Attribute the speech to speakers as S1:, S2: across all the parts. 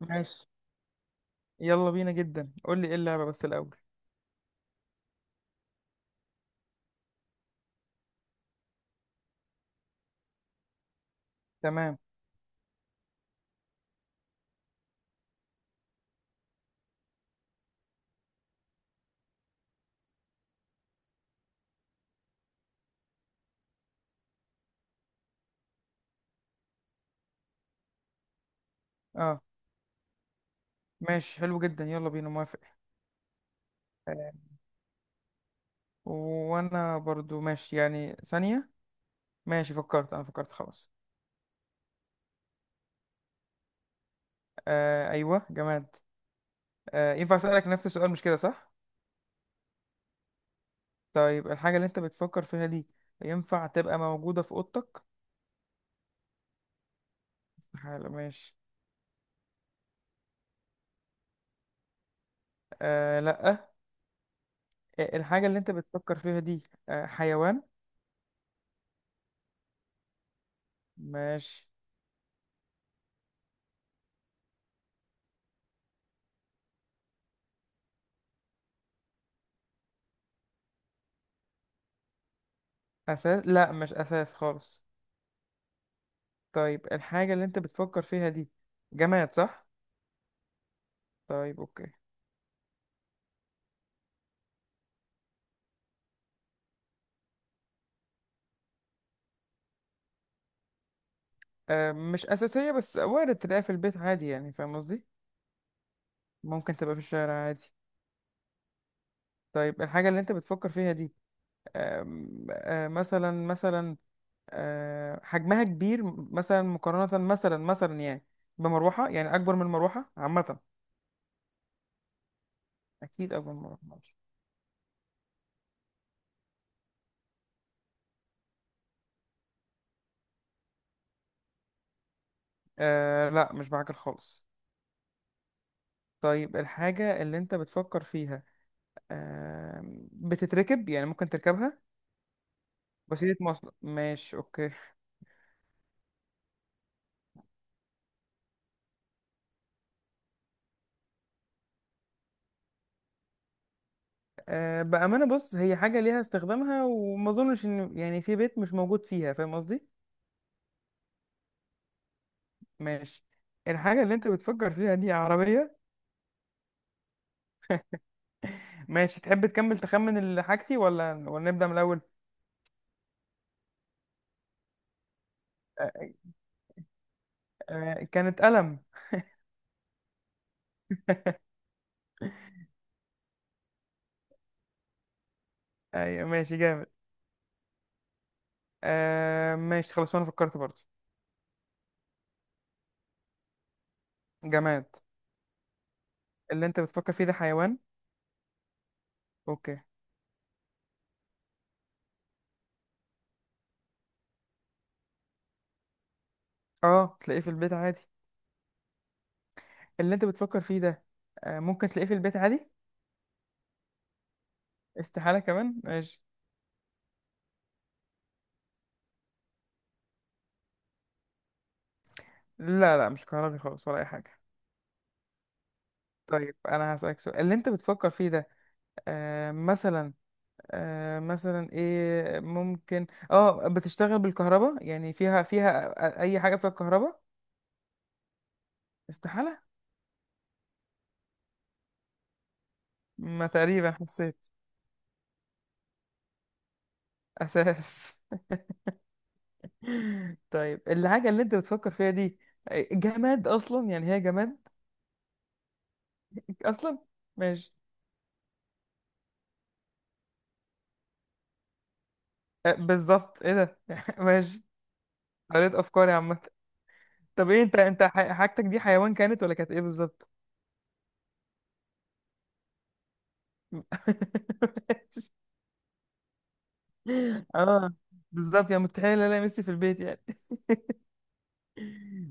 S1: ماشي. يلا بينا، جدا قول لي ايه اللعبة بس الأول. تمام. اه ماشي، حلو جدا، يلا بينا، موافق. آه، وانا برضو ماشي يعني، ثانية. ماشي فكرت، انا فكرت خلاص. آه ايوه، جماد. ينفع اسألك نفس السؤال؟ مش كده صح؟ طيب، الحاجة اللي انت بتفكر فيها دي ينفع تبقى موجودة في اوضتك؟ استحالة، ماشي. لا. الحاجة اللي انت بتفكر فيها دي حيوان؟ ماشي. اساس؟ لا، مش اساس خالص. طيب، الحاجة اللي انت بتفكر فيها دي جماد صح؟ طيب، اوكي. أه مش أساسية، بس وارد تلاقيها في البيت عادي، يعني فاهم قصدي؟ ممكن تبقى في الشارع عادي. طيب، الحاجة اللي انت بتفكر فيها دي أم، أه مثلا، مثلا حجمها كبير، مثلا مقارنة، مثلا مثلا يعني بمروحة، يعني أكبر من المروحة عامة. أكيد أكبر من المروحة، معلش. أه لا، مش بعجل خالص. طيب، الحاجة اللي انت بتفكر فيها أه بتتركب، يعني ممكن تركبها. وسيلة مواصلة، ماشي اوكي. بأمانة بص، هي حاجة ليها استخدامها، وما اظنش ان يعني في بيت مش موجود فيها، فاهم قصدي. ماشي. الحاجة اللي انت بتفكر فيها دي عربية. ماشي، تحب تكمل تخمن اللي حاجتي ولا نبدأ من الأول؟ أه أه كانت قلم. ايوه ماشي، جامد. أه ماشي خلاص، انا فكرت برضه. جماد. اللي انت بتفكر فيه ده حيوان؟ اوكي. اه، تلاقيه في البيت عادي. اللي انت بتفكر فيه ده ممكن تلاقيه في البيت عادي. استحالة كمان، ماشي. لا لا، مش كهربي خالص، ولا اي حاجه. طيب، انا هسألك سؤال. اللي انت بتفكر فيه ده آه مثلا مثلا ايه؟ ممكن اه بتشتغل بالكهرباء، يعني فيها اي حاجه فيها الكهرباء. استحاله. ما تقريبا حسيت. اساس؟ طيب، الحاجه اللي انت بتفكر فيها دي جماد اصلا، يعني هي جماد اصلا. ماشي. بالظبط، ايه ده؟ ماشي. قريت افكاري عامه. طب ايه، انت حاجتك دي حيوان كانت ولا كانت ايه بالظبط؟ اه بالظبط، يعني مستحيل الاقي ميسي في البيت يعني.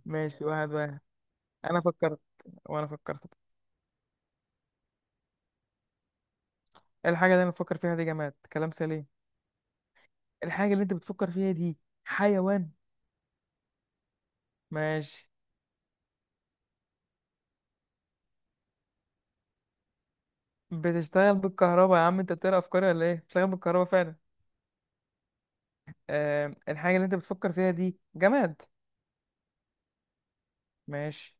S1: ماشي، واحد واحد. انا فكرت. وانا فكرت. الحاجه اللي انا بفكر فيها دي جماد، كلام سليم. الحاجه اللي انت بتفكر فيها دي حيوان؟ ماشي. بتشتغل بالكهرباء؟ يا عم، انت بتقرا افكاري ولا ايه؟ بتشتغل بالكهرباء فعلا. الحاجه اللي انت بتفكر فيها دي جماد. ماشي.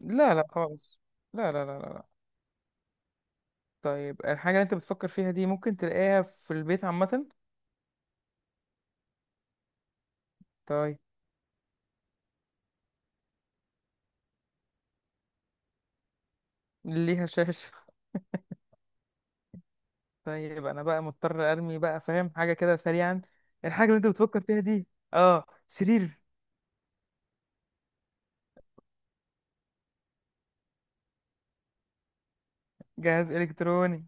S1: لا لا خالص، لا لا لا لا لا. طيب، الحاجه اللي انت بتفكر فيها دي ممكن تلاقيها في البيت عامه؟ طيب. ليها شاشه؟ طيب، انا بقى مضطر ارمي بقى، فاهم، حاجه كده سريعا. الحاجه اللي انت بتفكر فيها دي اه سرير؟ جهاز الكتروني؟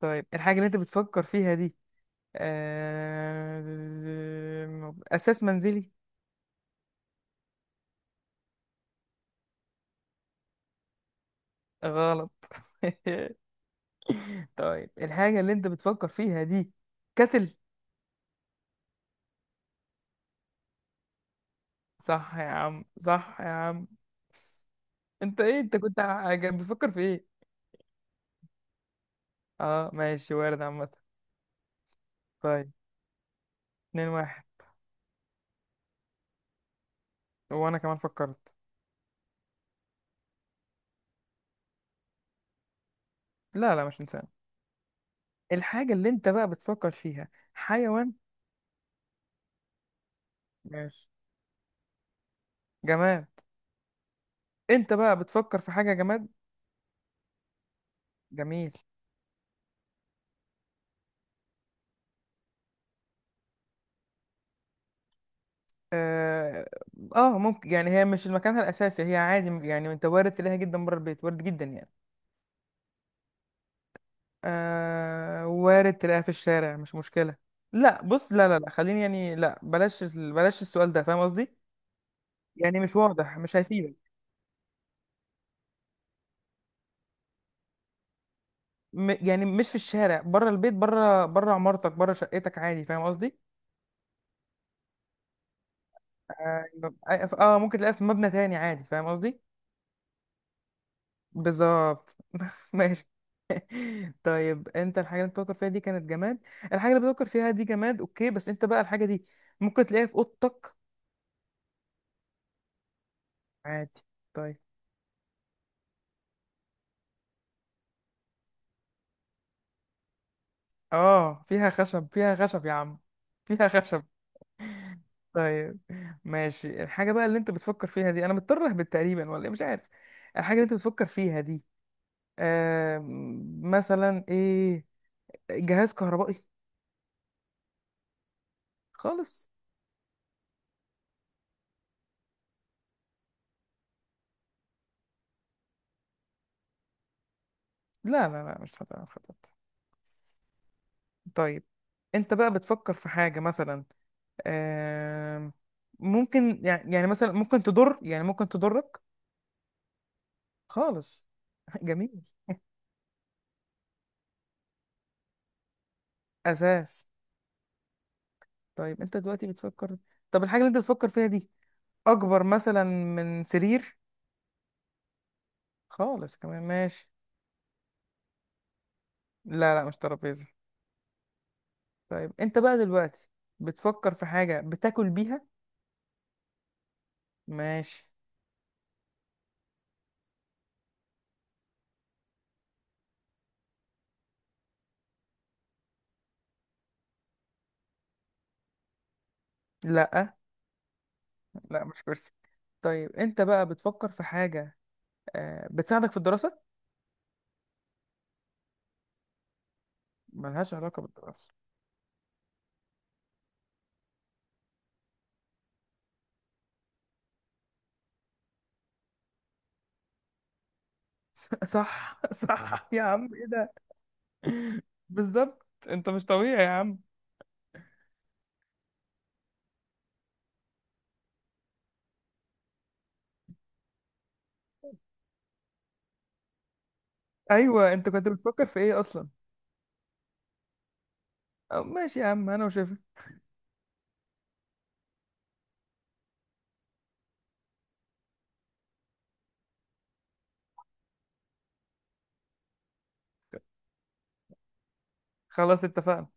S1: طيب، الحاجه اللي انت بتفكر فيها دي اساس منزلي؟ غلط. طيب، الحاجه اللي انت بتفكر فيها دي كتل؟ صح يا عم، صح يا عم. انت ايه، انت كنت بتفكر في ايه؟ اه ماشي، وارد عامه. طيب، 2-1. وانا كمان فكرت. لا لا، مش انسان. الحاجة اللي انت بقى بتفكر فيها حيوان؟ ماشي. جماد. انت بقى بتفكر في حاجة جماد. جميل. اه. ممكن، يعني هي مش مكانها الأساسي، هي عادي يعني. انت وارد تلاقيها جدا بره البيت، وارد جدا يعني. وارد تلاقيها في الشارع، مش مشكلة. لا بص، لا لا لا خليني يعني، لا بلاش، بلاش السؤال ده، فاهم قصدي. يعني مش واضح، مش هيفيدك. يعني مش في الشارع بره البيت، بره عمارتك، بره شقتك عادي، فاهم قصدي. اه. ممكن تلاقيها في مبنى تاني عادي، فاهم قصدي. بالظبط. ماشي. طيب انت، الحاجه اللي بتفكر فيها دي كانت جماد. الحاجه اللي بتفكر فيها دي جماد، اوكي، بس انت بقى الحاجه دي ممكن تلاقيها في اوضتك عادي. طيب. اه فيها خشب، فيها خشب يا عم، فيها خشب. طيب. ماشي، الحاجه بقى اللي انت بتفكر فيها دي انا مضطر اهبط تقريبا، ولا ايه؟ مش عارف. الحاجه اللي انت بتفكر فيها دي مثلا ايه؟ جهاز كهربائي؟ خالص لا لا لا، مش هتعرف. طيب، انت بقى بتفكر في حاجه مثلا، آم، ممكن يعني مثلا ممكن تضر، يعني ممكن تضرك؟ خالص. جميل. اساس؟ طيب، انت دلوقتي بتفكر. طب الحاجه اللي انت بتفكر فيها دي اكبر مثلا من سرير؟ خالص كمان، ماشي. لا لا، مش ترابيزه. طيب، انت بقى دلوقتي بتفكر في حاجه بتاكل بيها؟ ماشي. لا لا، مش كرسي. طيب، انت بقى بتفكر في حاجه بتساعدك في الدراسه؟ ملهاش علاقه بالدراسه. صح، صح يا عم، ايه؟ بالظبط، انت مش طبيعي يا عم. ايوه، انت كنت بتفكر في ايه اصلا؟ أو ماشي يا عم، انا وشايفك. خلاص، اتفقنا.